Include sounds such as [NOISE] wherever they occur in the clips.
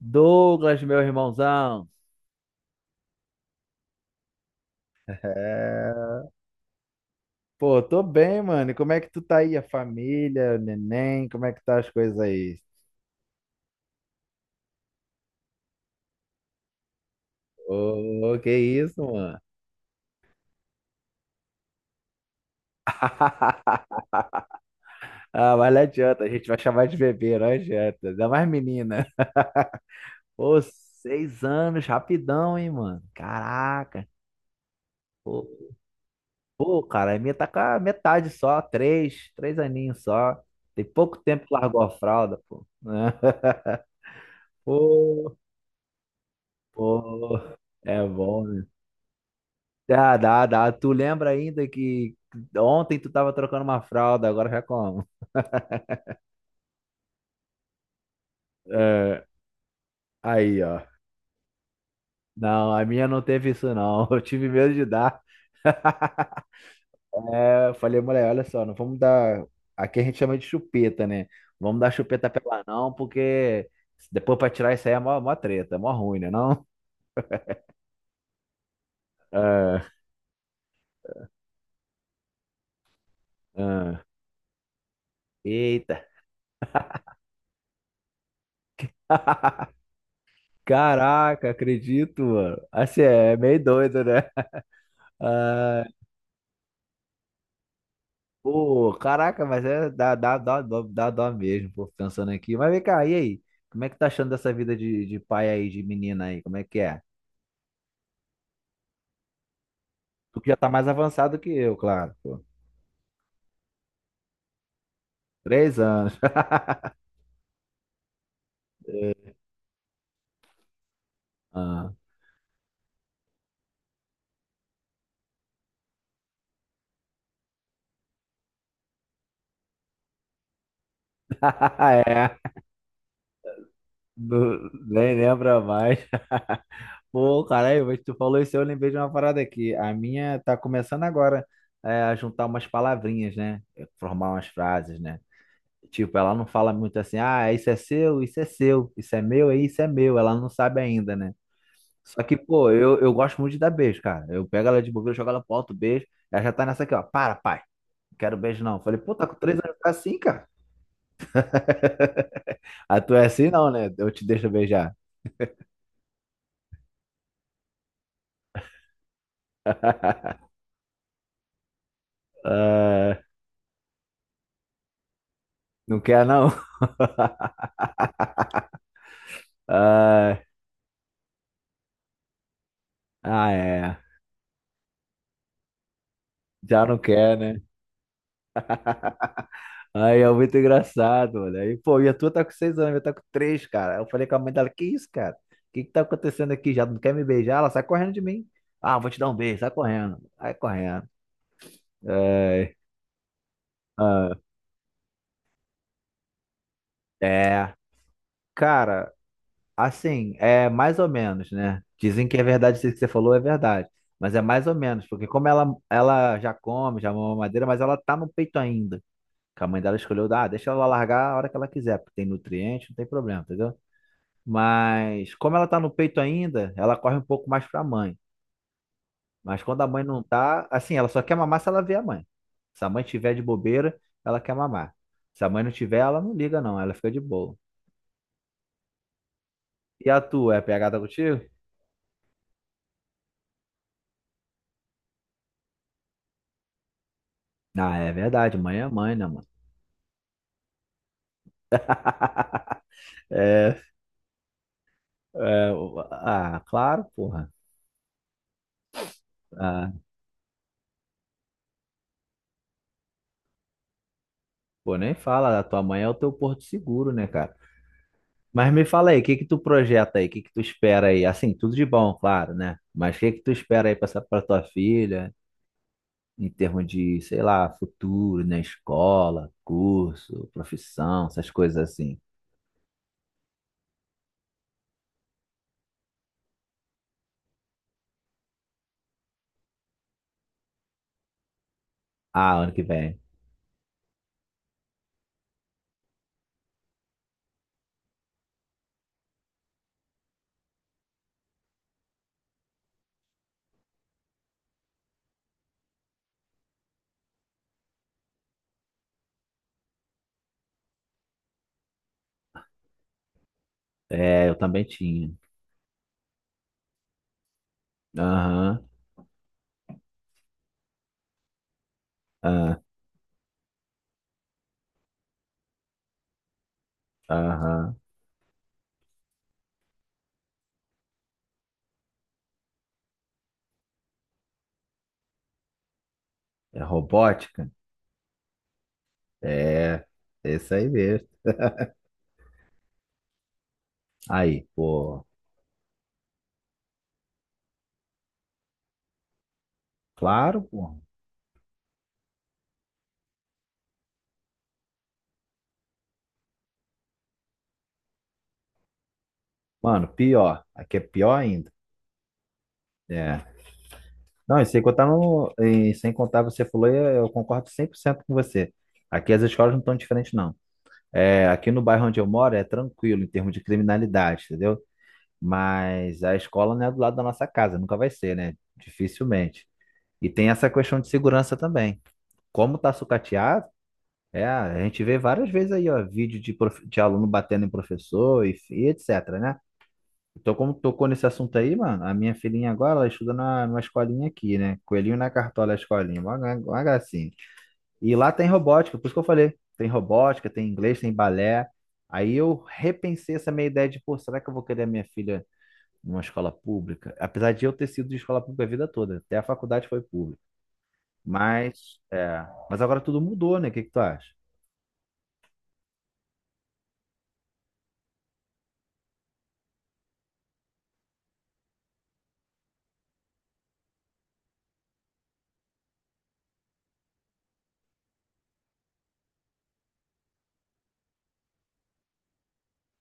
Douglas, meu irmãozão. É. Tô bem, mano. E como é que tu tá aí? A família, o neném, como é que tá as coisas aí? Ô, que isso, mano? [LAUGHS] Ah, mas não adianta, a gente vai chamar de bebê, não adianta. Ainda mais menina. Pô, seis anos, rapidão, hein, mano? Caraca. Pô, pô, cara, a minha tá com a metade só, três aninhos só. Tem pouco tempo que largou a fralda, pô. [LAUGHS] Né? Pô, pô, é bom, né? Dá, dá, dá. Tu lembra ainda que ontem tu tava trocando uma fralda, agora já como? É, aí, ó. Não, a minha não teve isso não. [LAUGHS] Eu tive medo de dar. É, eu falei, mulher, olha só, não vamos dar. Aqui a gente chama de chupeta, né? Vamos dar chupeta pra ela não, porque depois pra tirar isso aí é mó, mó treta, é mó ruim, né não? É, é. Eita. [LAUGHS] Caraca, acredito, mano. Assim, é meio doido, né? Ah, pô, caraca, mas é dó mesmo, pô, pensando aqui. Mas vem cá, e aí? Como é que tá achando dessa vida de pai aí, de menina aí? Como é que é? Tu que já tá mais avançado que eu, claro, pô. Três anos. [LAUGHS] Ah, [LAUGHS] é. Nem lembra mais. [LAUGHS] Pô, caralho, mas tu falou isso, eu lembrei de uma parada aqui. A minha tá começando agora a juntar umas palavrinhas, né? É, formar umas frases, né? Tipo, ela não fala muito assim, ah, isso é seu, isso é seu, isso é meu, é isso é meu. Ela não sabe ainda, né? Só que, pô, eu gosto muito de dar beijo, cara. Eu pego ela de bobeira, eu jogo ela pro alto, beijo. Ela já tá nessa aqui, ó. Para, pai. Não quero beijo, não. Falei, pô, tá com 3 anos, tá assim, cara. [LAUGHS] Ah, tu é assim, não, né? Eu te deixo beijar. [LAUGHS] Ah, não quer, não? [LAUGHS] Ah, ah, é. Já não quer, né? Aí é muito engraçado, mano. Aí, pô, e a tua tá com 6 anos, eu tá com três, cara. Aí eu falei com a mãe dela, que isso, cara? O que que tá acontecendo aqui? Já não quer me beijar? Ela sai correndo de mim. Ah, vou te dar um beijo, sai correndo. Sai correndo. É, ah, é. Cara, assim, é mais ou menos, né? Dizem que é verdade, isso que você falou é verdade. Mas é mais ou menos, porque como ela já come, já mama madeira, mas ela tá no peito ainda. Que a mãe dela escolheu, ah, deixa ela largar a hora que ela quiser, porque tem nutriente, não tem problema, entendeu? Mas como ela tá no peito ainda, ela corre um pouco mais pra mãe. Mas quando a mãe não tá, assim, ela só quer mamar se ela vê a mãe. Se a mãe tiver de bobeira, ela quer mamar. Se a mãe não tiver, ela não liga não, ela fica de boa. E a tua, é pegada contigo? Ah, é verdade, mãe é mãe, né, mano? É, é, ah, claro, porra. Ah, pô, nem fala, a tua mãe é o teu porto seguro, né, cara? Mas me fala aí, o que que tu projeta aí? O que que tu espera aí? Assim, tudo de bom, claro, né? Mas o que que tu espera aí pra tua filha? Em termos de, sei lá, futuro, né? Escola, curso, profissão, essas coisas assim. Ah, ano que vem. É, eu também tinha. Aham, ah, aham. É robótica? É, é isso aí mesmo. Aí, pô, claro, pô. Mano, pior. Aqui é pior ainda. É. Não, e sem contar, você falou, e eu concordo 100% com você. Aqui as escolas não estão diferentes, não. É, aqui no bairro onde eu moro é tranquilo em termos de criminalidade, entendeu? Mas a escola não é do lado da nossa casa, nunca vai ser, né? Dificilmente. E tem essa questão de segurança também. Como tá sucateado, é, a gente vê várias vezes aí, ó, vídeo de aluno batendo em professor e etc, né? Então, como tocou nesse assunto aí, mano, a minha filhinha agora, ela estuda numa escolinha aqui, né? Coelhinho na cartola, é a escolinha, uma gracinha. E lá tem robótica, por isso que eu falei, tem robótica, tem inglês, tem balé. Aí eu repensei essa minha ideia de, pô, será que eu vou querer a minha filha numa escola pública? Apesar de eu ter sido de escola pública a vida toda, até a faculdade foi pública. Mas, é, mas agora tudo mudou, né? O que que tu acha?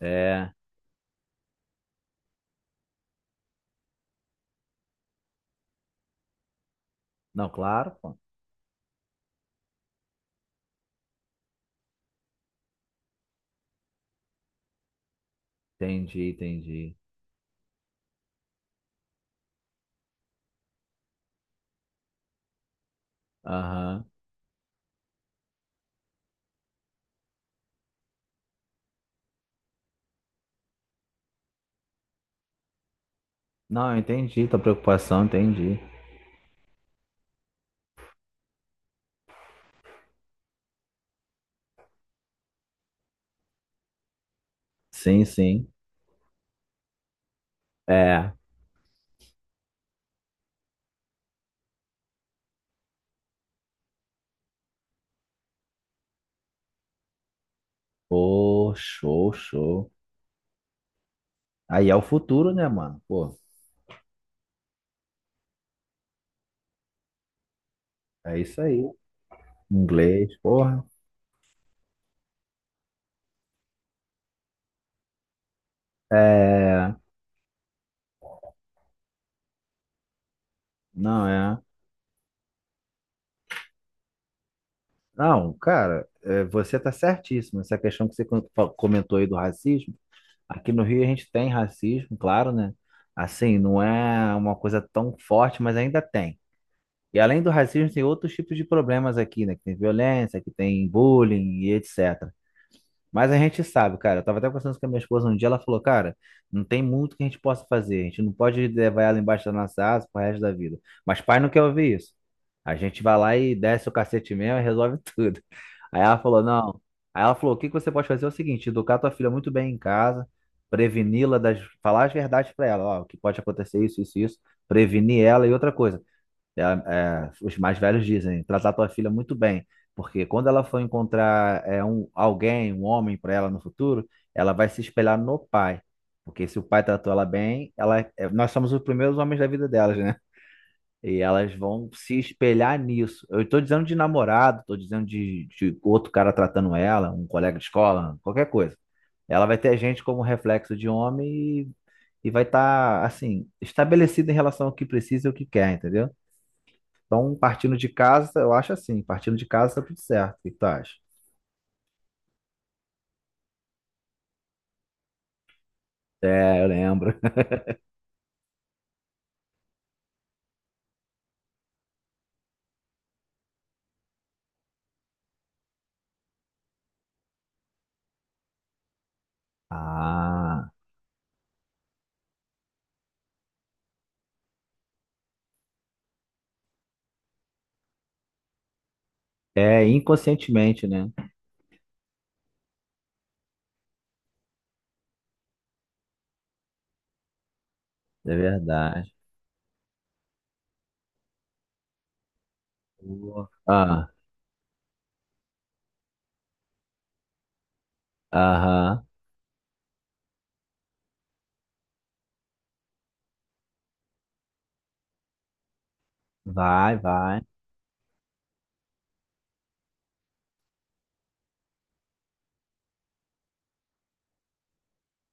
É, não, claro, pô. Entendi, entendi. Aham. Não, eu entendi tua preocupação, entendi. Sim, sim. É. Pô, show, show. Aí é o futuro, né, mano? Pô, é isso aí. Inglês, porra. É, não é. Não, cara, é, você tá certíssimo. Essa questão que você comentou aí do racismo. Aqui no Rio a gente tem racismo, claro, né? Assim, não é uma coisa tão forte, mas ainda tem. E além do racismo, tem outros tipos de problemas aqui, né? Que tem violência, que tem bullying e etc. Mas a gente sabe, cara. Eu tava até conversando com a minha esposa um dia, ela falou, cara, não tem muito que a gente possa fazer. A gente não pode levar ela embaixo da nossa asa pro resto da vida. Mas pai não quer ouvir isso. A gente vai lá e desce o cacete mesmo e resolve [LAUGHS] tudo. Aí ela falou, não. Aí ela falou, o que que você pode fazer é o seguinte, educar tua filha muito bem em casa, preveni-la das, falar as verdades pra ela, ó, o que pode acontecer isso, isso, isso, prevenir ela e outra coisa. É, é, os mais velhos dizem, tratar tua filha muito bem, porque quando ela for encontrar alguém, um homem para ela no futuro, ela vai se espelhar no pai. Porque se o pai tratou ela bem, nós somos os primeiros homens da vida delas, né? E elas vão se espelhar nisso. Eu estou dizendo de namorado, estou dizendo de outro cara tratando ela, um colega de escola, qualquer coisa. Ela vai ter a gente como reflexo de homem e vai estar, assim, estabelecida em relação ao que precisa e o que quer, entendeu? Então, partindo de casa, eu acho assim, partindo de casa tá tudo certo. O que tu acha? É, eu lembro. [LAUGHS] Ah, é inconscientemente, né? É verdade. Boa. Ah, aham. Vai, vai.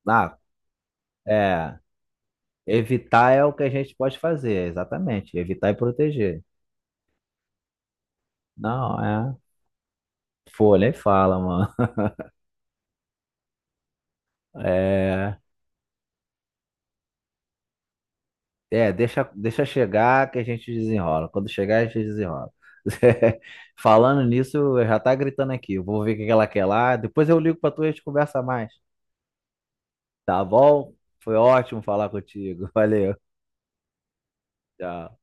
Ah, é. Evitar é o que a gente pode fazer, exatamente. Evitar e proteger. Não, é. Folha e fala, mano. [LAUGHS] É. É, deixa chegar que a gente desenrola. Quando chegar, a gente desenrola. [LAUGHS] Falando nisso, já tá gritando aqui. Eu vou ver o que que ela quer lá. Depois eu ligo pra tu e a gente conversa mais. Tá bom? Foi ótimo falar contigo. [LAUGHS] Valeu. Tchau.